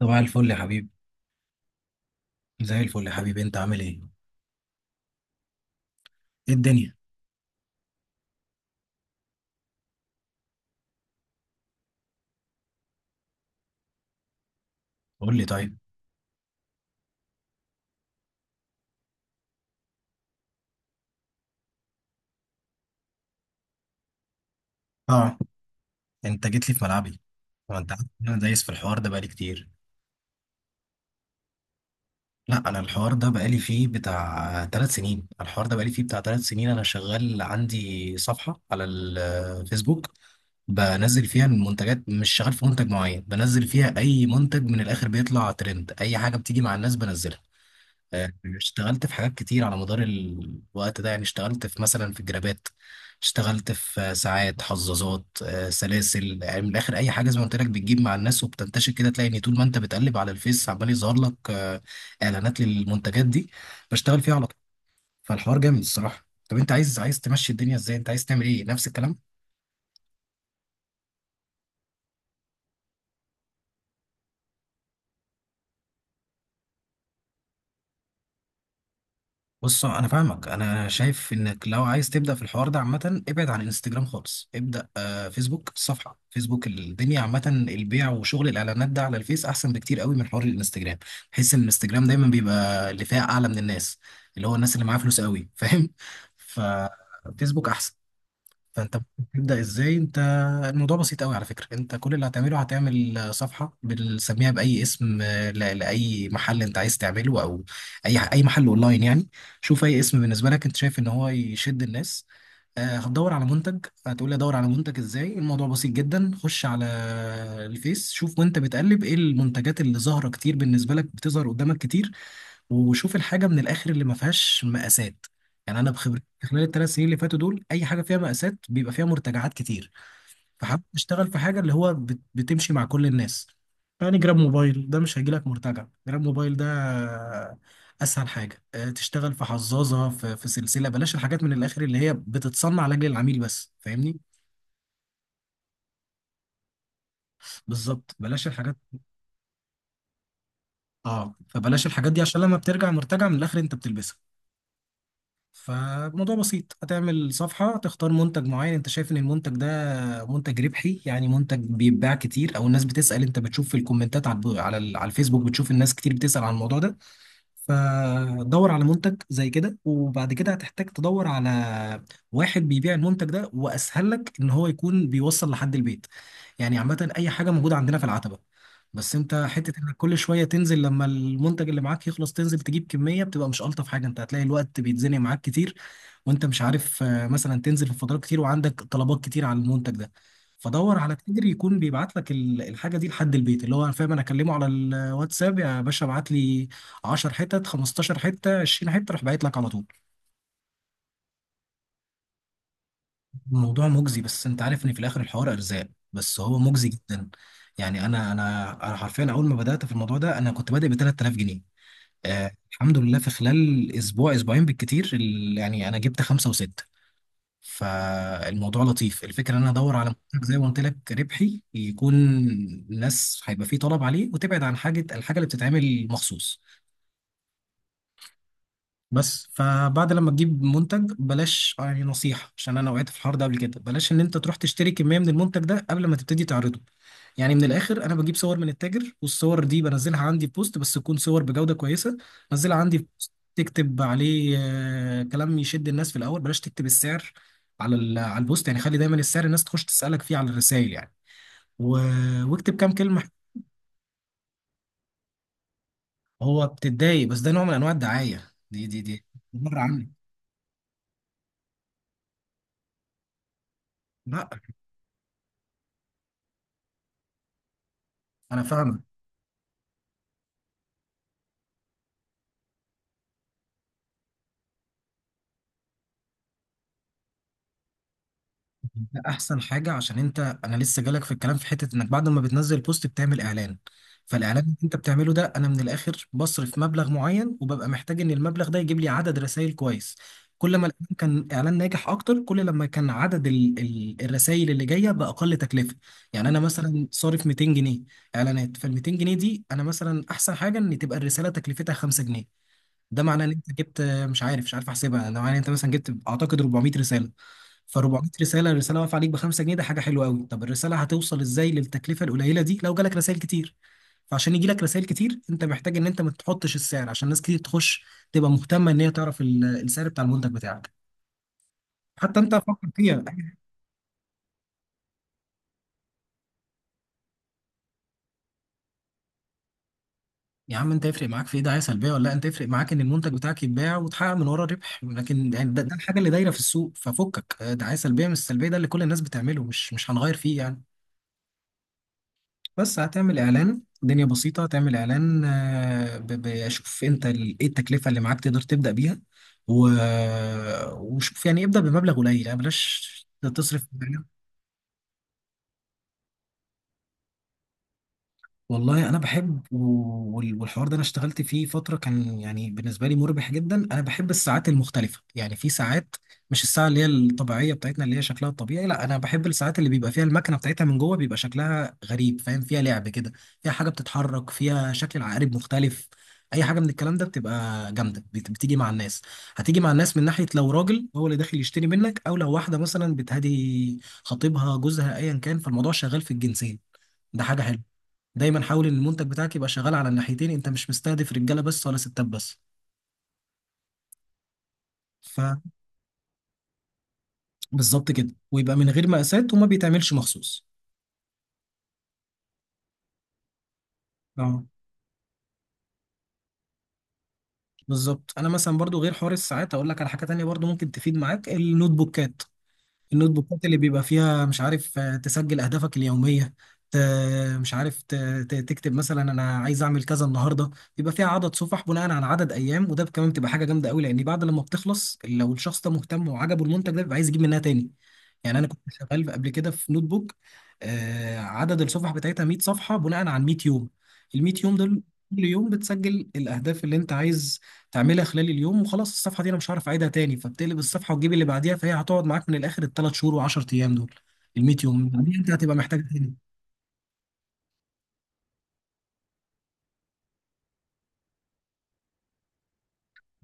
صباح الفل يا حبيبي. زي الفل يا حبيبي، انت عامل ايه؟ ايه الدنيا؟ قول لي طيب. اه. انت جيت لي في ملعبي. هو انت عارف ان انا دايس في الحوار ده بقالي كتير. لا انا الحوار ده بقالي فيه بتاع 3 سنين الحوار ده بقالي فيه بتاع ثلاث سنين، انا شغال عندي صفحة على الفيسبوك، بنزل فيها المنتجات، مش شغال في منتج معين، بنزل فيها اي منتج من الاخر بيطلع ترند، اي حاجة بتيجي مع الناس بنزلها. آه، اشتغلت في حاجات كتير على مدار الوقت ده، يعني اشتغلت في مثلا في جرابات، اشتغلت في ساعات، حظاظات، سلاسل، يعني من الاخر اي حاجه زي ما قلت لك بتجيب مع الناس وبتنتشر كده، تلاقي ان طول ما انت بتقلب على الفيس عمال يظهر لك اعلانات للمنتجات دي، بشتغل فيها على طول. فالحوار جامد الصراحه. طب انت عايز تمشي الدنيا ازاي؟ انت عايز تعمل ايه، نفس الكلام؟ بص انا فاهمك، انا شايف انك لو عايز تبدا في الحوار ده عامه، ابعد عن انستجرام خالص، ابدا فيسبوك، الصفحه فيسبوك، الدنيا عامه. البيع وشغل الاعلانات ده على الفيس احسن بكتير قوي من حوار الانستجرام. بحس ان الانستجرام دايما بيبقى اللي فيها اعلى من الناس، اللي هو الناس اللي معاها فلوس قوي، فاهم؟ ففيسبوك احسن. فانت بتبدا ازاي انت؟ الموضوع بسيط قوي على فكره. انت كل اللي هتعمله هتعمل صفحه بنسميها باي اسم، لاي محل انت عايز تعمله، او اي محل اونلاين يعني. شوف اي اسم بالنسبه لك انت شايف ان هو يشد الناس. هتدور على منتج، هتقول لي ادور على منتج ازاي؟ الموضوع بسيط جدا. خش على الفيس، شوف وانت بتقلب ايه المنتجات اللي ظاهره كتير بالنسبه لك، بتظهر قدامك كتير، وشوف الحاجه من الاخر اللي ما فيهاش مقاسات. يعني انا بخبرتي خلال ال 3 سنين اللي فاتوا دول، اي حاجه فيها مقاسات بيبقى فيها مرتجعات كتير. فحابب اشتغل في حاجه اللي هو بتمشي مع كل الناس. يعني جراب موبايل ده مش هيجيلك مرتجع. جراب موبايل ده اسهل حاجه. تشتغل في حظاظه، في سلسله. بلاش الحاجات من الاخر اللي هي بتتصنع لاجل العميل بس، فاهمني؟ بالظبط. بلاش الحاجات. اه. فبلاش الحاجات دي عشان لما بترجع مرتجع من الاخر انت بتلبسها. فالموضوع بسيط، هتعمل صفحة تختار منتج معين، انت شايف ان المنتج ده منتج ربحي، يعني منتج بيتباع كتير او الناس بتسأل. انت بتشوف في الكومنتات على على على الفيسبوك، بتشوف الناس كتير بتسأل عن الموضوع ده. فدور على منتج زي كده، وبعد كده هتحتاج تدور على واحد بيبيع المنتج ده، واسهل لك ان هو يكون بيوصل لحد البيت. يعني عامه اي حاجه موجوده عندنا في العتبه. بس انت حته انك كل شويه تنزل لما المنتج اللي معاك يخلص تنزل تجيب كميه بتبقى مش الطف حاجه، انت هتلاقي الوقت بيتزنق معاك كتير، وانت مش عارف مثلا تنزل في فترات كتير وعندك طلبات كتير على المنتج ده. فدور على تاجر يكون بيبعت لك الحاجه دي لحد البيت، اللي هو فاهم، انا اكلمه على الواتساب يا باشا ابعت لي 10 حتت، 15 حته، 20 حته، راح باعت لك على طول. الموضوع مجزي، بس انت عارف ان في الاخر الحوار ارزاق، بس هو مجزي جدا. يعني انا حرفيا اول ما بدات في الموضوع ده انا كنت بادئ ب 3000 جنيه. آه الحمد لله في خلال اسبوع اسبوعين بالكتير يعني انا جبت خمسه وسته. فالموضوع لطيف. الفكره ان انا ادور على منتج زي ما قلت لك ربحي يكون الناس هيبقى فيه طلب عليه، وتبعد عن الحاجه اللي بتتعمل مخصوص. بس فبعد لما تجيب منتج بلاش يعني نصيحة عشان انا وقعت في الحوار ده قبل كده، بلاش ان انت تروح تشتري كمية من المنتج ده قبل ما تبتدي تعرضه. يعني من الاخر انا بجيب صور من التاجر والصور دي بنزلها عندي في بوست، بس تكون صور بجودة كويسة. نزلها عندي في بوست، تكتب عليه كلام يشد الناس. في الاول بلاش تكتب السعر على على البوست يعني، خلي دايما السعر الناس تخش تسألك فيه على الرسائل يعني، و... واكتب كام كلمة. هو بتتضايق، بس ده نوع من انواع الدعاية دي. بره عني. لا انا فاهمك. ده احسن حاجه، عشان انت انا لسه جالك في الكلام في حته انك بعد ما بتنزل بوست بتعمل اعلان. فالاعلان اللي انت بتعمله ده، انا من الاخر بصرف مبلغ معين وببقى محتاج ان المبلغ ده يجيب لي عدد رسائل كويس. كل ما الإعلان كان اعلان ناجح اكتر، كل لما كان عدد الرسائل اللي جايه باقل تكلفه. يعني انا مثلا صارف 200 جنيه اعلانات، فال 200 جنيه دي انا مثلا احسن حاجه ان تبقى الرساله تكلفتها 5 جنيه. ده معناه ان انت جبت، مش عارف احسبها، ده معناه ان انت مثلا جبت اعتقد 400 رساله. ف 400 رساله، الرساله واقفه عليك ب 5 جنيه، ده حاجه حلوه قوي. طب الرساله هتوصل ازاي للتكلفه القليله دي؟ لو جالك رسائل كتير. فعشان يجي لك رسائل كتير انت محتاج ان انت ما تحطش السعر عشان ناس كتير تخش، تبقى مهتمه ان هي تعرف السعر بتاع المنتج بتاعك. حتى انت فكر فيها. يا عم انت يفرق معاك في ايه، دعايه سلبيه ولا لا؟ انت يفرق معاك ان المنتج بتاعك يتباع وتحقق من ورا ربح، لكن يعني ده الحاجه اللي دايره في السوق ففكك. دعايه سلبيه مش سلبيه، ده اللي كل الناس بتعمله، مش هنغير فيه يعني. بس هتعمل اعلان، الدنيا بسيطه، هتعمل اعلان، اشوف انت ايه التكلفه اللي معاك تقدر تبدا بيها، و... وشوف يعني ابدا بمبلغ قليل، يعني بلاش تصرف. والله انا بحب والحوار ده انا اشتغلت فيه فتره، كان يعني بالنسبه لي مربح جدا. انا بحب الساعات المختلفه، يعني في ساعات، مش الساعه اللي هي الطبيعيه بتاعتنا اللي هي شكلها الطبيعي، لا انا بحب الساعات اللي بيبقى فيها المكنه بتاعتها من جوه بيبقى شكلها غريب، فاهم، فيها لعب كده، فيها حاجه بتتحرك، فيها شكل العقارب مختلف. اي حاجه من الكلام ده بتبقى جامده، بتيجي مع الناس. هتيجي مع الناس من ناحيه لو راجل هو اللي داخل يشتري منك، او لو واحده مثلا بتهدي خطيبها جوزها ايا كان، فالموضوع شغال في الجنسين، ده حاجه حلوه. دايما حاول ان المنتج بتاعك يبقى شغال على الناحيتين، انت مش مستهدف رجاله بس ولا ستات بس. فبالظبط كده، ويبقى من غير مقاسات وما بيتعملش مخصوص. اه بالظبط. انا مثلا برضو غير حوار الساعات اقول لك على حاجه تانية برضو ممكن تفيد معاك، النوت بوكات. النوت بوكات اللي بيبقى فيها مش عارف تسجل اهدافك اليوميه. ت- مش عارف، تكتب مثلا انا عايز اعمل كذا النهارده. بيبقى فيها عدد صفح بناء على عدد ايام، وده كمان بتبقى حاجه جامده قوي، لان بعد لما بتخلص لو الشخص ده مهتم وعجبه المنتج ده بيبقى عايز يجيب منها تاني. يعني انا كنت شغال قبل كده في نوت بوك، عدد الصفح بتاعتها 100 صفحه بناء على 100 يوم. ال 100 يوم دول كل يوم بتسجل الاهداف اللي انت عايز تعملها خلال اليوم وخلاص، الصفحه دي انا مش هعرف اعيدها تاني، فبتقلب الصفحه وتجيب اللي بعديها، فهي هتقعد معاك من الاخر ال 3 شهور و10 ايام دول، ال 100 يوم اللي بعدين انت هتبقى محتاج تاني.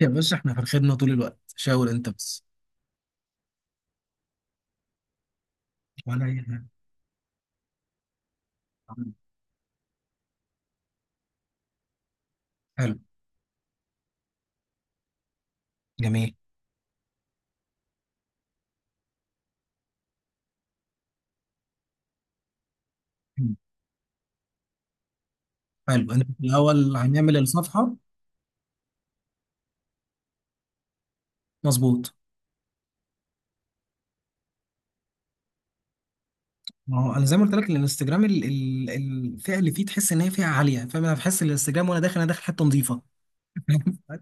يا باشا احنا في الخدمه طول الوقت، شاور انت بس. ولا اي حاجه. حلو. جميل. حلو، انت في الاول هنعمل الصفحه. مظبوط. ما هو انا زي ما قلت لك الانستجرام الفئه اللي فيه تحس ان هي فئه عاليه، فاهم، انا بحس الانستجرام وانا داخل انا داخل حته نظيفه.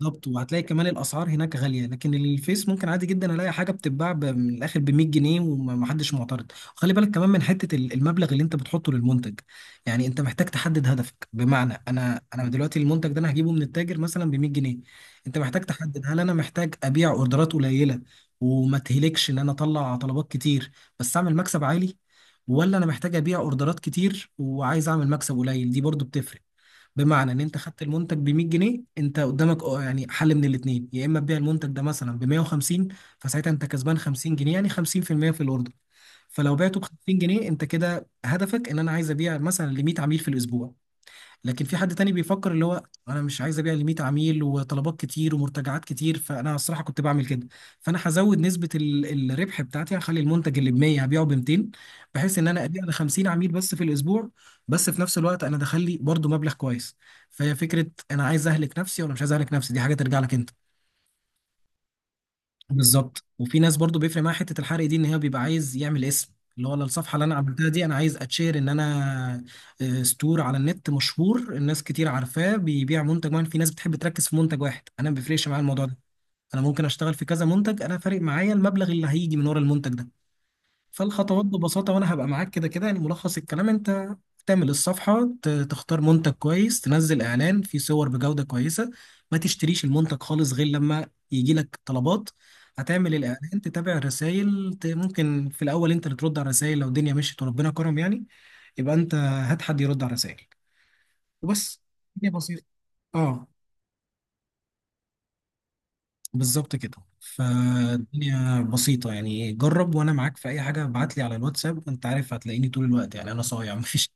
بالظبط. وهتلاقي كمان الاسعار هناك غاليه، لكن الفيس ممكن عادي جدا الاقي حاجه بتتباع من الاخر ب 100 جنيه ومحدش معترض. خلي بالك كمان من حته المبلغ اللي انت بتحطه للمنتج. يعني انت محتاج تحدد هدفك، بمعنى انا دلوقتي المنتج ده انا هجيبه من التاجر مثلا ب 100 جنيه. انت محتاج تحدد، هل انا محتاج ابيع اوردرات قليله وما تهلكش ان انا اطلع طلبات كتير بس اعمل مكسب عالي، ولا انا محتاج ابيع اوردرات كتير وعايز اعمل مكسب قليل؟ دي برضو بتفرق. بمعنى ان انت خدت المنتج ب 100 جنيه، انت قدامك اه يعني حل من الاثنين. يا اما تبيع المنتج ده مثلا ب 150، فساعتها انت كسبان 50 جنيه، يعني 50% في المية في الاوردر. فلو بعته ب 50 جنيه انت كده هدفك ان انا عايز ابيع مثلا ل 100 عميل في الاسبوع. لكن في حد تاني بيفكر، اللي هو انا مش عايز ابيع ل 100 عميل وطلبات كتير ومرتجعات كتير، فانا الصراحه كنت بعمل كده، فانا هزود نسبه الربح بتاعتي، هخلي المنتج اللي ب 100 هبيعه ب 200، بحيث ان انا ابيع ل 50 عميل بس في الاسبوع، بس في نفس الوقت انا دخل لي برضه مبلغ كويس. فهي فكره، انا عايز اهلك نفسي ولا مش عايز اهلك نفسي، دي حاجه ترجع لك انت. بالظبط. وفي ناس برضو بيفرق معاها حته الحرق دي، ان هي بيبقى عايز يعمل اسم، اللي هو أنا الصفحه اللي انا عملتها دي انا عايز اتشير ان انا ستور على النت مشهور، الناس كتير عارفاه، بيبيع منتج معين. في ناس بتحب تركز في منتج واحد، انا ما بيفرقش معايا الموضوع ده، انا ممكن اشتغل في كذا منتج، انا فارق معايا المبلغ اللي هيجي من ورا المنتج ده. فالخطوات ببساطه، وانا هبقى معاك كده كده، يعني ملخص الكلام، انت تعمل الصفحة، تختار منتج كويس، تنزل إعلان فيه صور بجودة كويسة. ما تشتريش المنتج خالص غير لما يجي لك طلبات. هتعمل الإعلان، تتابع الرسايل، ممكن في الأول أنت اللي ترد على الرسايل، لو الدنيا مشيت وربنا كرم يعني يبقى أنت هات حد يرد على رسايل، وبس. الدنيا بسيطة. أه بالظبط كده، فالدنيا بسيطة، يعني جرب وأنا معاك في أي حاجة، ابعت لي على الواتساب، أنت عارف هتلاقيني طول الوقت يعني، أنا صايع مفيش.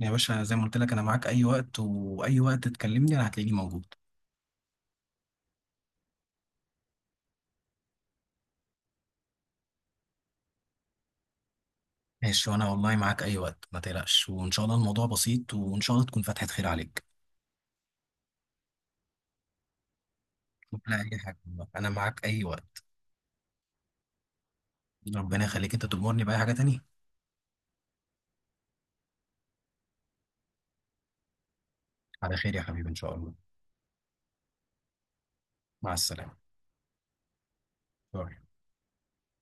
يا باشا زي ما قلت لك انا معاك اي وقت، واي وقت تكلمني انا هتلاقيني موجود. ماشي، وانا والله معاك اي وقت، ما تقلقش، وان شاء الله الموضوع بسيط، وان شاء الله تكون فتحة خير عليك. لا اي حاجة والله. انا معاك اي وقت. ربنا يخليك، انت تأمرني بأي حاجة تانية. على خير يا حبيبي ان شاء الله. مع السلامة. باي.